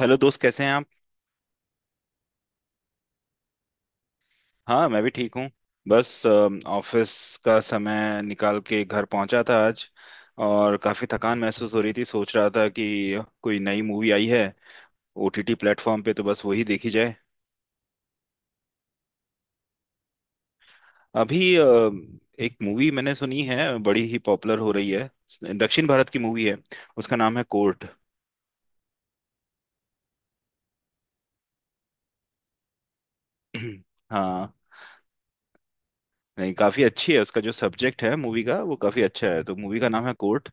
Hello दोस्त, कैसे हैं आप? हाँ, मैं भी ठीक हूँ। बस ऑफिस का समय निकाल के घर पहुंचा था आज, और काफ़ी थकान महसूस हो रही थी। सोच रहा था कि कोई नई मूवी आई है ओटीटी प्लेटफॉर्म पे, तो बस वही देखी जाए। अभी एक मूवी मैंने सुनी है, बड़ी ही पॉपुलर हो रही है। दक्षिण भारत की मूवी है, उसका नाम है कोर्ट। हाँ, नहीं, काफी अच्छी है। उसका जो सब्जेक्ट है मूवी का वो काफी अच्छा है। तो मूवी का नाम है कोर्ट,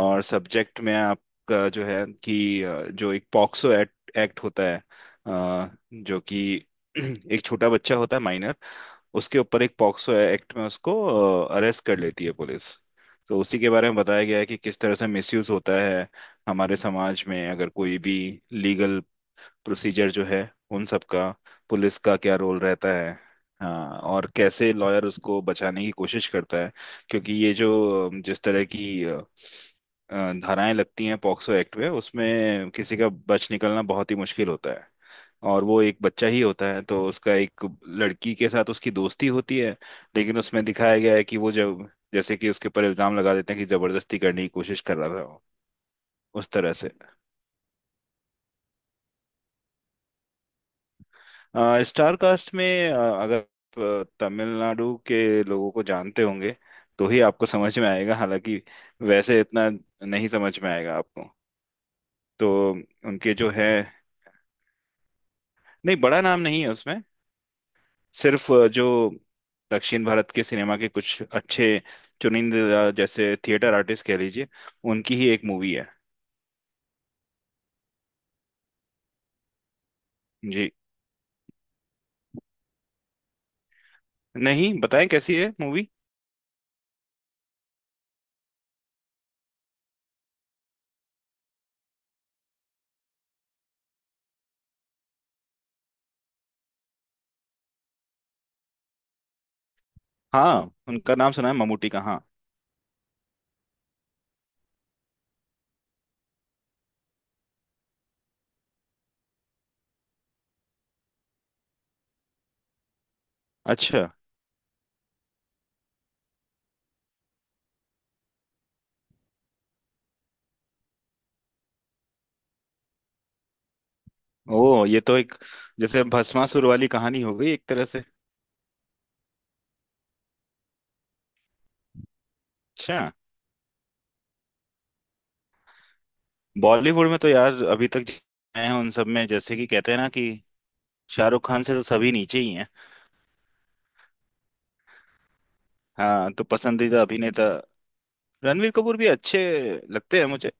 और सब्जेक्ट में आपका जो है कि जो एक पॉक्सो एक्ट, एक्ट होता है, जो कि एक छोटा बच्चा होता है माइनर, उसके ऊपर एक पॉक्सो एक्ट में उसको अरेस्ट कर लेती है पुलिस। तो उसी के बारे में बताया गया है कि किस तरह से मिसयूज होता है हमारे समाज में। अगर कोई भी लीगल प्रोसीजर जो है उन सब का, पुलिस का क्या रोल रहता है। हाँ, और कैसे लॉयर उसको बचाने की कोशिश करता है, क्योंकि ये जो जिस तरह की धाराएं लगती हैं पॉक्सो एक्ट में, उसमें किसी का बच निकलना बहुत ही मुश्किल होता है। और वो एक बच्चा ही होता है, तो उसका एक लड़की के साथ उसकी दोस्ती होती है, लेकिन उसमें दिखाया गया है कि वो जब, जैसे कि उसके ऊपर इल्जाम लगा देते हैं कि जबरदस्ती करने की कोशिश कर रहा था वो, उस तरह से। स्टार कास्ट में अ, अगर आप, तमिलनाडु के लोगों को जानते होंगे तो ही आपको समझ में आएगा, हालांकि वैसे इतना नहीं समझ में आएगा आपको। तो उनके जो है, नहीं, बड़ा नाम नहीं है उसमें। सिर्फ जो दक्षिण भारत के सिनेमा के कुछ अच्छे चुनिंदा जैसे थिएटर आर्टिस्ट कह लीजिए, उनकी ही एक मूवी है। जी, नहीं, बताएं कैसी है मूवी। हाँ, उनका नाम सुना है, ममूटी का, हाँ। अच्छा। ओ, ये तो एक जैसे भस्मासुर वाली कहानी हो गई एक तरह से। अच्छा, बॉलीवुड में तो यार अभी तक आए हैं उन सब में जैसे कि कहते हैं ना कि शाहरुख खान से तो सभी नीचे ही हैं। हाँ, तो पसंदीदा अभिनेता। रणवीर कपूर भी अच्छे लगते हैं मुझे।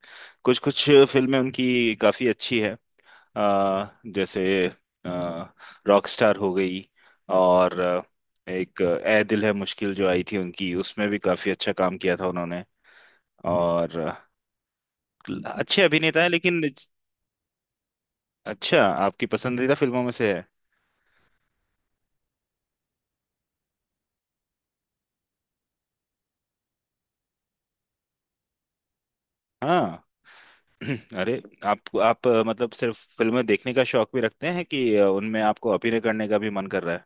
कुछ कुछ फिल्में उनकी काफी अच्छी है, आ, जैसे रॉकस्टार हो गई, और एक ए दिल है मुश्किल जो आई थी उनकी, उसमें भी काफी अच्छा काम किया था उन्होंने। और अच्छे अभिनेता है, लेकिन अच्छा, आपकी पसंदीदा फिल्मों में से है। हाँ। अरे, आप मतलब सिर्फ फिल्में देखने का शौक भी रखते हैं कि उनमें आपको अभिनय करने का भी मन कर रहा है?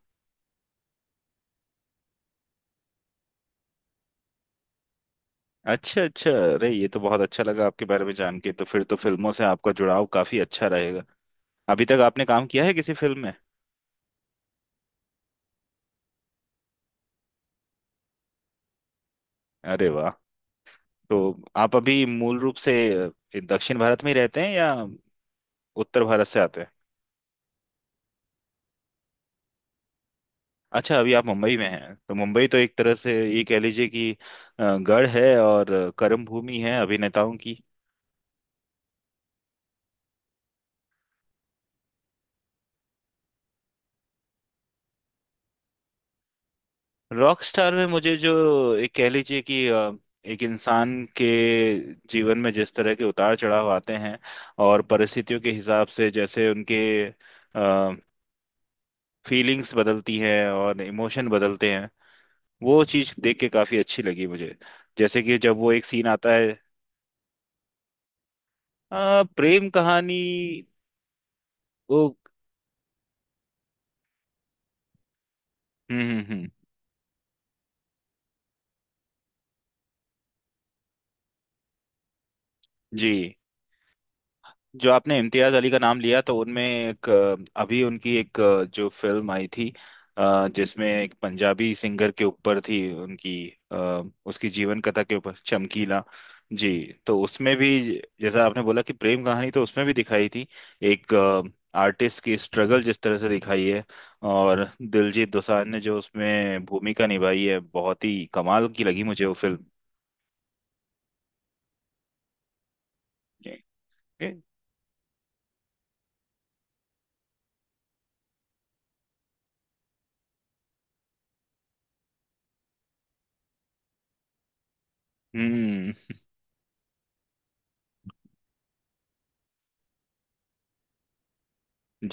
अच्छा, अच्छा, अरे ये तो बहुत अच्छा लगा आपके बारे में जान के। तो फिर तो फिल्मों से आपका जुड़ाव काफी अच्छा रहेगा। अभी तक आपने काम किया है किसी फिल्म में? अरे वाह। तो आप अभी मूल रूप से अ, दक्षिण भारत में ही रहते हैं या उत्तर भारत से आते हैं? अच्छा, अभी आप मुंबई में हैं। तो मुंबई तो एक तरह से ये कह लीजिए कि गढ़ है और कर्म भूमि है अभिनेताओं की। रॉक स्टार में मुझे जो एक कह लीजिए कि एक इंसान के जीवन में जिस तरह के उतार चढ़ाव आते हैं और परिस्थितियों के हिसाब से जैसे उनके फीलिंग्स बदलती हैं और इमोशन बदलते हैं, वो चीज़ देख के काफ़ी अच्छी लगी मुझे। जैसे कि जब वो एक सीन आता है। प्रेम कहानी। वो। हम्म, हम्म, हम्म। जी। जो आपने इम्तियाज अली का नाम लिया, तो उनमें एक अभी उनकी एक जो फिल्म आई थी, जिसमें एक पंजाबी सिंगर के ऊपर थी उनकी, अ, उसकी जीवन कथा के ऊपर, चमकीला। जी। तो उसमें भी, जैसा आपने बोला कि प्रेम कहानी, तो उसमें भी दिखाई थी एक आर्टिस्ट की स्ट्रगल जिस तरह से दिखाई है, और दिलजीत दोसांझ ने जो उसमें भूमिका निभाई है, बहुत ही कमाल की लगी मुझे वो फिल्म। जी। हम्म।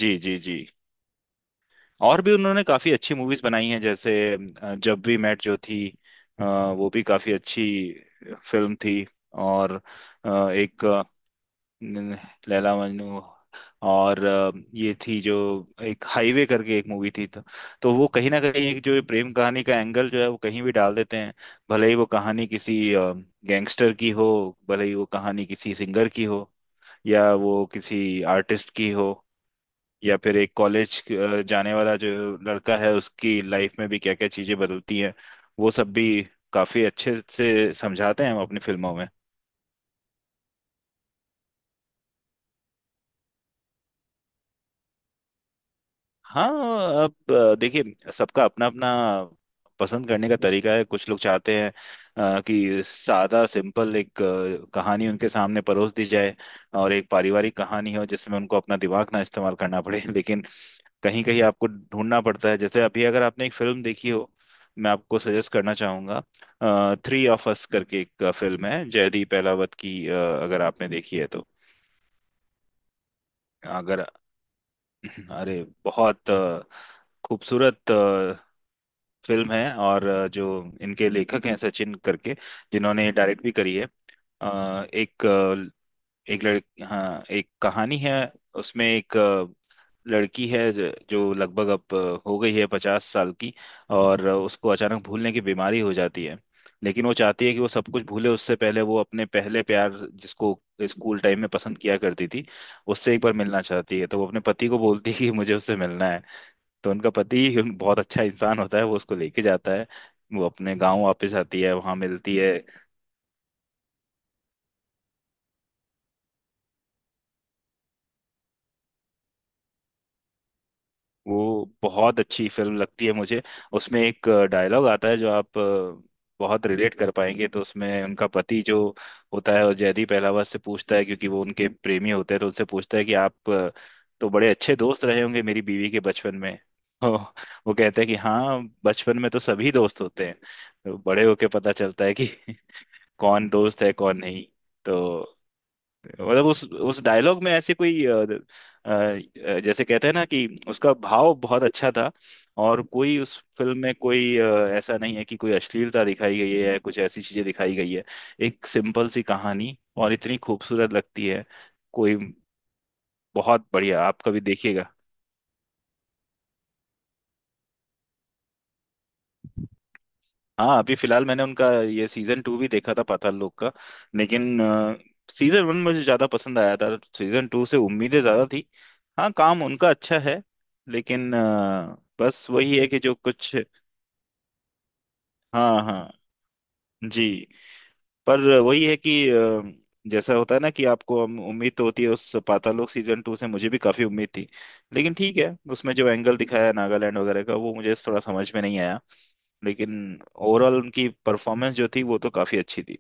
जी, जी, जी। और भी उन्होंने काफी अच्छी मूवीज बनाई हैं, जैसे जब वी मेट जो थी, वो भी काफी अच्छी फिल्म थी। और अ, एक अ, न- लैला मजनू, और ये थी जो एक हाईवे करके एक मूवी थी, तो वो कहीं ना कहीं एक जो ये प्रेम कहानी का एंगल जो है वो कहीं भी डाल देते हैं। भले ही वो कहानी किसी गैंगस्टर की हो, भले ही वो कहानी किसी सिंगर की हो, या वो किसी आर्टिस्ट की हो, या फिर एक कॉलेज जाने वाला जो लड़का है उसकी लाइफ में भी क्या क्या चीजें बदलती हैं, वो सब भी काफी अच्छे से समझाते हैं हम अपनी फिल्मों में। हाँ। अब देखिए, सबका अपना अपना पसंद करने का तरीका है। कुछ लोग चाहते हैं कि सादा सिंपल एक कहानी उनके सामने परोस दी जाए, और एक पारिवारिक कहानी हो जिसमें उनको अपना दिमाग ना इस्तेमाल करना पड़े। लेकिन कहीं कहीं आपको ढूंढना पड़ता है। जैसे अभी, अगर आपने एक फिल्म देखी हो, मैं आपको सजेस्ट करना चाहूंगा, थ्री ऑफ अस करके एक फिल्म है जयदीप एलावत की, अगर आपने देखी है तो। अगर अरे, बहुत खूबसूरत फिल्म है, और जो इनके लेखक हैं सचिन करके, जिन्होंने डायरेक्ट भी करी है। अ, एक लड़ हाँ, एक कहानी है, उसमें एक लड़की है जो लगभग अब हो गई है 50 साल की, और उसको अचानक भूलने की बीमारी हो जाती है। लेकिन वो चाहती है कि वो सब कुछ भूले, उससे पहले वो अपने पहले प्यार जिसको स्कूल टाइम में पसंद किया करती थी, उससे एक बार मिलना चाहती है। तो वो अपने पति को बोलती है कि मुझे उससे मिलना है। तो उनका पति उन बहुत अच्छा इंसान होता है, वो उसको लेके जाता है। वो अपने गांव वापस आती है, वहां मिलती है। वो बहुत अच्छी फिल्म लगती है मुझे। उसमें एक डायलॉग आता है जो आप बहुत रिलेट कर पाएंगे। तो उसमें उनका पति जो होता है वो जयदीप अहलावत से पूछता है, क्योंकि वो उनके प्रेमी होते हैं, तो उनसे पूछता है कि आप तो बड़े अच्छे दोस्त रहे होंगे मेरी बीवी के बचपन में। तो वो कहते हैं कि हाँ, बचपन में तो सभी दोस्त होते हैं, तो बड़े होके पता चलता है कि कौन दोस्त है कौन नहीं। तो मतलब उस डायलॉग में ऐसे कोई जैसे कहते हैं ना कि उसका भाव बहुत अच्छा था। और कोई उस फिल्म में कोई ऐसा नहीं है कि कोई अश्लीलता दिखाई गई है, कुछ ऐसी चीजें दिखाई गई है। एक सिंपल सी कहानी और इतनी खूबसूरत लगती है। कोई, बहुत बढ़िया, आप कभी देखिएगा। हाँ, अभी फिलहाल मैंने उनका ये सीजन 2 भी देखा था पाताल लोक का, लेकिन सीजन 1 मुझे ज्यादा पसंद आया था, सीजन 2 से उम्मीदें ज्यादा थी। हाँ, काम उनका अच्छा है, लेकिन बस वही है कि जो कुछ। हाँ, हाँ। जी। पर वही है कि जैसा होता है ना कि आपको उम्मीद तो होती है। उस पाताल लोक सीजन 2 से मुझे भी काफी उम्मीद थी, लेकिन ठीक है, उसमें जो एंगल दिखाया है नागालैंड वगैरह का वो मुझे थोड़ा समझ में नहीं आया, लेकिन ओवरऑल उनकी परफॉर्मेंस जो थी वो तो काफी अच्छी थी।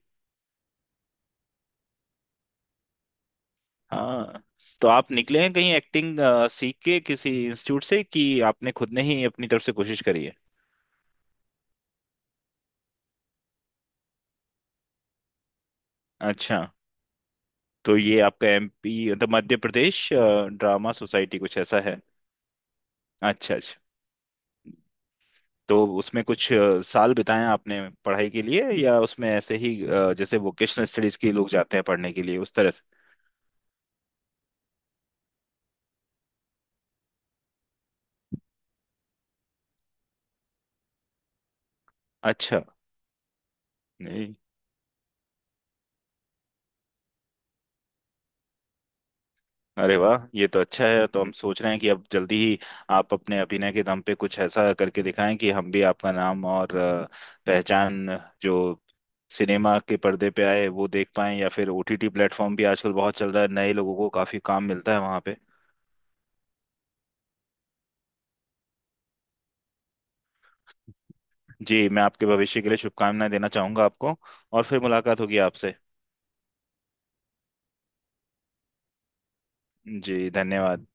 हाँ, तो आप निकले हैं कहीं एक्टिंग सीख के किसी इंस्टीट्यूट से कि आपने खुद ने ही अपनी तरफ से कोशिश करी है? अच्छा। तो ये आपका एमपी मतलब मध्य प्रदेश ड्रामा सोसाइटी कुछ ऐसा है? अच्छा, अच्छा। तो उसमें कुछ साल बिताए आपने पढ़ाई के लिए, या उसमें ऐसे ही जैसे वोकेशनल स्टडीज के लोग जाते हैं पढ़ने के लिए, उस तरह से? अच्छा। नहीं, अरे वाह, ये तो अच्छा है। तो हम सोच रहे हैं कि अब जल्दी ही आप अपने अभिनय के दम पे कुछ ऐसा करके दिखाएं कि हम भी आपका नाम और पहचान जो सिनेमा के पर्दे पे आए वो देख पाएं, या फिर ओटीटी प्लेटफॉर्म भी आजकल बहुत चल रहा है, नए लोगों को काफी काम मिलता है वहां पे। जी। मैं आपके भविष्य के लिए शुभकामनाएं देना चाहूंगा आपको, और फिर मुलाकात होगी आपसे। जी, धन्यवाद।